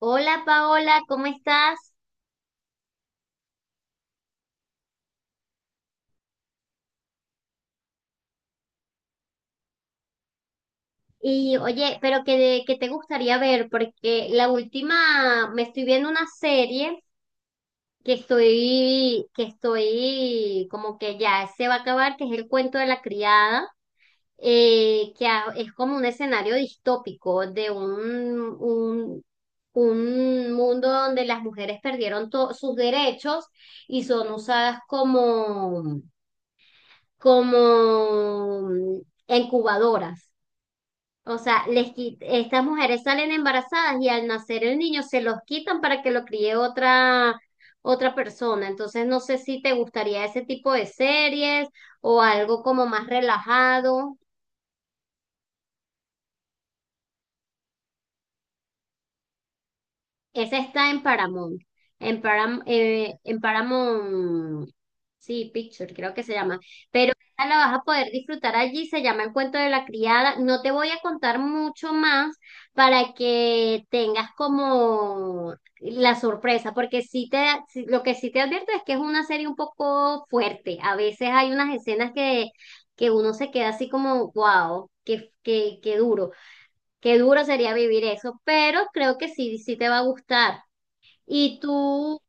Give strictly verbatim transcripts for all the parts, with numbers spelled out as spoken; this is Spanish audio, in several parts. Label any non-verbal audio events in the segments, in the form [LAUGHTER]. Hola Paola, ¿cómo estás? Y oye, pero ¿qué, qué te gustaría ver? Porque la última, me estoy viendo una serie que estoy, que estoy como que ya se va a acabar, que es El cuento de la criada. Eh, que ha- es como un escenario distópico de un, un, un mundo donde las mujeres perdieron to- sus derechos y son usadas como, como incubadoras. O sea, les quit- estas mujeres salen embarazadas y al nacer el niño se los quitan para que lo críe otra, otra persona. Entonces, no sé si te gustaría ese tipo de series o algo como más relajado. Esa está en Paramount. En Param- eh, en Paramount, sí, Picture, creo que se llama. Pero esta la vas a poder disfrutar allí, se llama El cuento de la criada. No te voy a contar mucho más para que tengas como la sorpresa, porque sí te, sí- lo que sí te advierto es que es una serie un poco fuerte. A veces hay unas escenas que, que uno se queda así como, wow, qué, qué, qué duro, qué duro sería vivir eso, pero creo que sí, sí te va a gustar. ¿Y tú?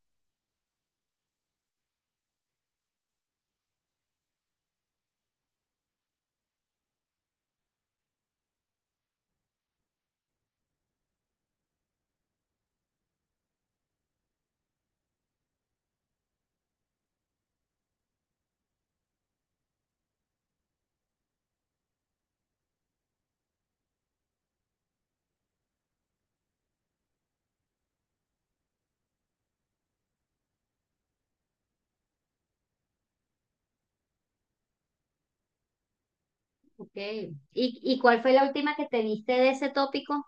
Ok. ¿Y, y cuál fue la última que te diste de ese tópico?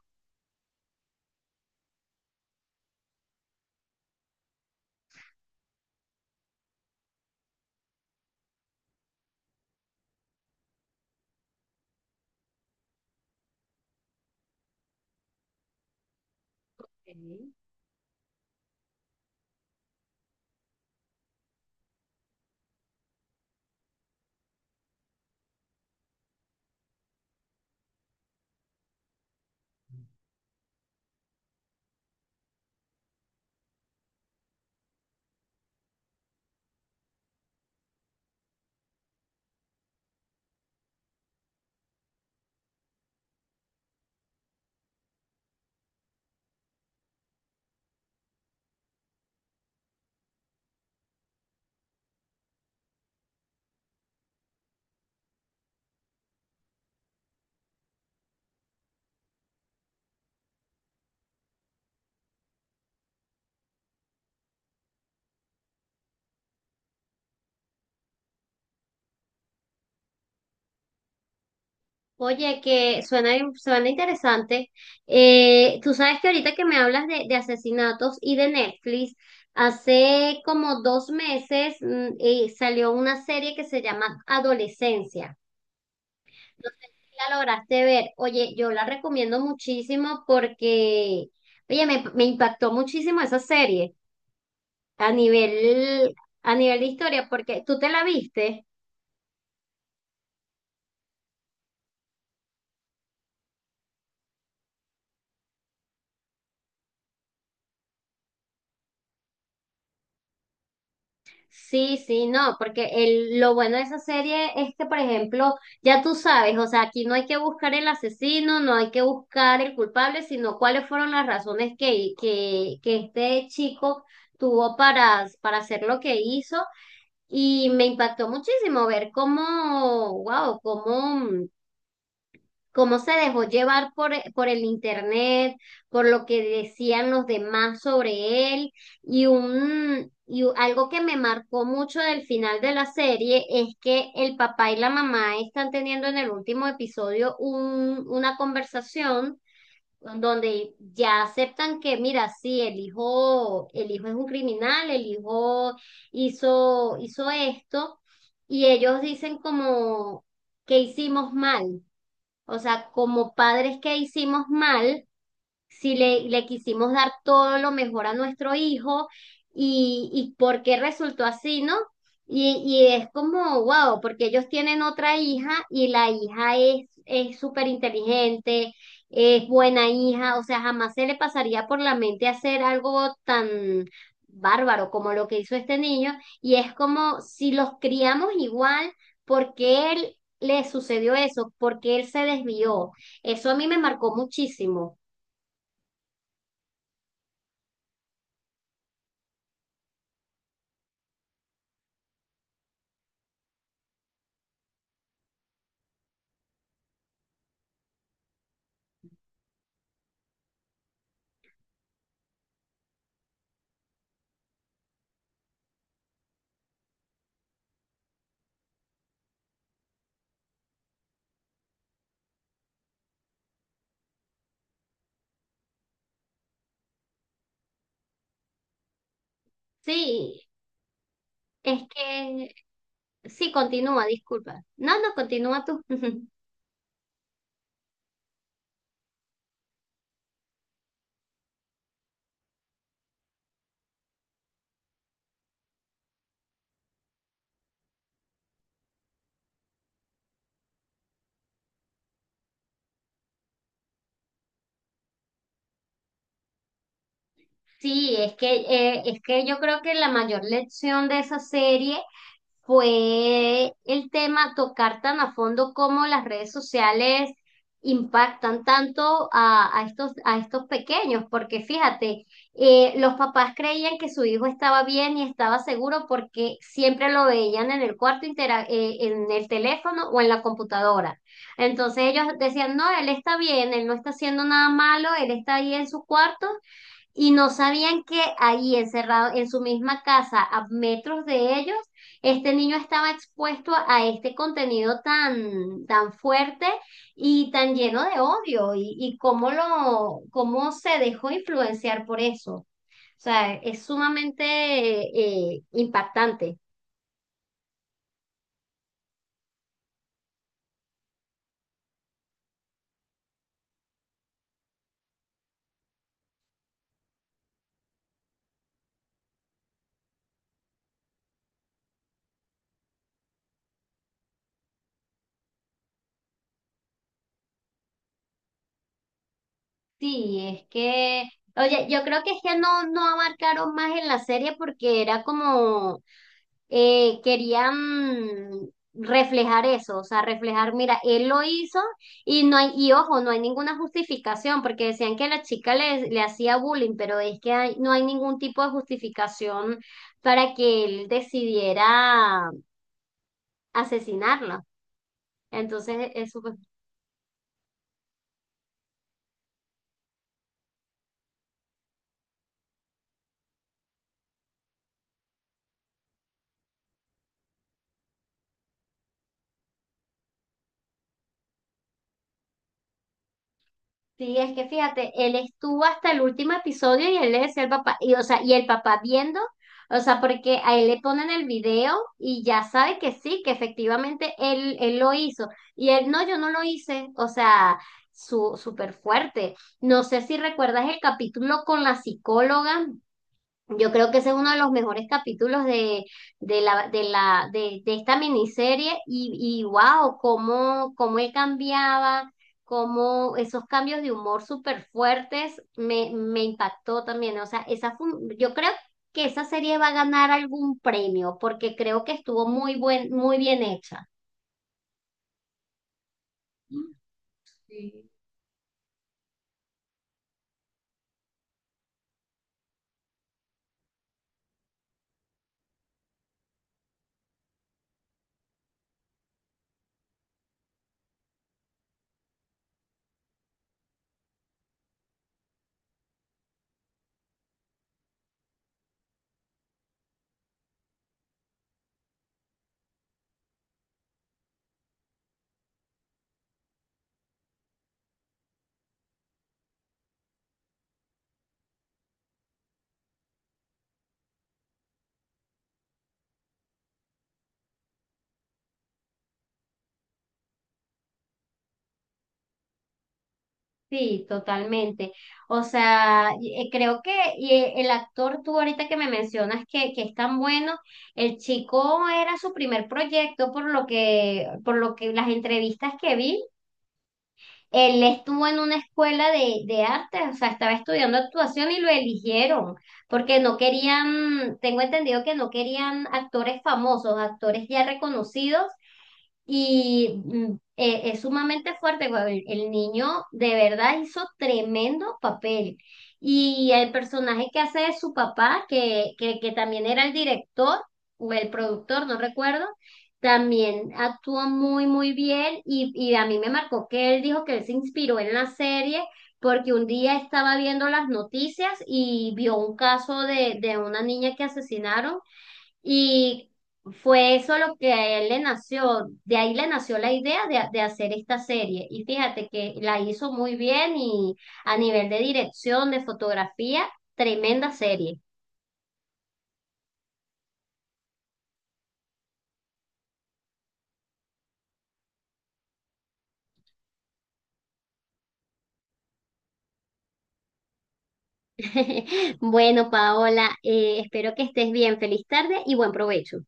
Ok. Oye, que suena, suena interesante. Eh, tú sabes que ahorita que me hablas de, de asesinatos y de Netflix, hace como dos meses mm, eh, salió una serie que se llama Adolescencia. No sé si la lograste ver. Oye, yo la recomiendo muchísimo porque, oye, me, me impactó muchísimo esa serie a nivel, a nivel de historia, porque tú te la viste. Sí, sí, no, porque el, lo bueno de esa serie es que, por ejemplo, ya tú sabes, o sea, aquí no hay que buscar el asesino, no hay que buscar el culpable, sino cuáles fueron las razones que, que, que este chico tuvo para, para hacer lo que hizo. Y me impactó muchísimo ver cómo, wow, cómo, cómo se dejó llevar por, eh, por el internet, por lo que decían los demás sobre él, y un y u- algo que me marcó mucho del final de la serie es que el papá y la mamá están teniendo en el último episodio un, una conversación donde ya aceptan que, mira, sí, el hijo, el hijo es un criminal, el hijo hizo, hizo esto, y ellos dicen como que hicimos mal, o sea, como padres que hicimos mal, si le, le quisimos dar todo lo mejor a nuestro hijo y, y por qué resultó así, ¿no? Y, y es como, wow, porque ellos tienen otra hija y la hija es, es súper inteligente, es buena hija, o sea, jamás se le pasaría por la mente hacer algo tan bárbaro como lo que hizo este niño. Y es como, si los criamos igual, ¿porque él le sucedió eso? ¿Porque él se desvió? Eso a mí me marcó muchísimo. Sí, es que sí, continúa, disculpa. No, no, continúa tú. [LAUGHS] Sí, es que, eh, es que yo creo que la mayor lección de esa serie fue el tema, tocar tan a fondo cómo las redes sociales impactan tanto a, a estos, a estos pequeños, porque fíjate, eh, los papás creían que su hijo estaba bien y estaba seguro porque siempre lo veían en el cuarto, intera- eh, en el teléfono o en la computadora. Entonces ellos decían, no, él está bien, él no está haciendo nada malo, él está ahí en su cuarto y no sabían que ahí encerrado en su misma casa, a metros de ellos, este niño estaba expuesto a este contenido tan, tan fuerte y tan lleno de odio y, y cómo lo, cómo se dejó influenciar por eso. O sea, es sumamente eh, impactante. Sí, es que, oye, yo creo que es que no, no abarcaron más en la serie porque era como eh, querían reflejar eso, o sea, reflejar, mira, él lo hizo y no hay, y ojo, no hay ninguna justificación, porque decían que la chica le, le hacía bullying, pero es que hay- no hay ningún tipo de justificación para que él decidiera asesinarla. Entonces, eso. Sí, es que fíjate, él estuvo hasta el último episodio y él le decía al papá, y o sea, y el papá viendo, o sea, porque a él le ponen el video y ya sabe que sí, que efectivamente él, él lo hizo. Y él, no, yo no lo hice, o sea, su, súper fuerte. No sé si recuerdas el capítulo con la psicóloga. Yo creo que ese es uno de los mejores capítulos de, de la, de la, de, de esta miniserie y, y wow, cómo, cómo él cambiaba, cómo esos cambios de humor súper fuertes me, me impactó también. ¿No? O sea, esa fue un- yo creo que esa serie va a ganar algún premio porque creo que estuvo muy buen, muy bien hecha. Sí, totalmente. O sea, y- eh, creo que y eh, el actor, tú ahorita que me mencionas que, que es tan bueno, el chico era su primer proyecto por lo que, por lo que las entrevistas que vi, él estuvo en una escuela de, de arte, o sea, estaba estudiando actuación y lo eligieron, porque no querían, tengo entendido que no querían actores famosos, actores ya reconocidos y mm, eh, es sumamente fuerte, güey. El, el niño de verdad hizo tremendo papel. Y el personaje que hace de su papá, que, que, que también era el director o el productor, no recuerdo, también actuó muy, muy bien. Y, y a mí me marcó que él dijo que él se inspiró en la serie porque un día estaba viendo las noticias y vio un caso de, de una niña que asesinaron y fue eso lo que a él le nació, de ahí le nació la idea de, de hacer esta serie. Y fíjate que la hizo muy bien y a nivel de dirección, de fotografía, tremenda serie. [LAUGHS] Bueno, Paola, eh, espero que estés bien. Feliz tarde y buen provecho.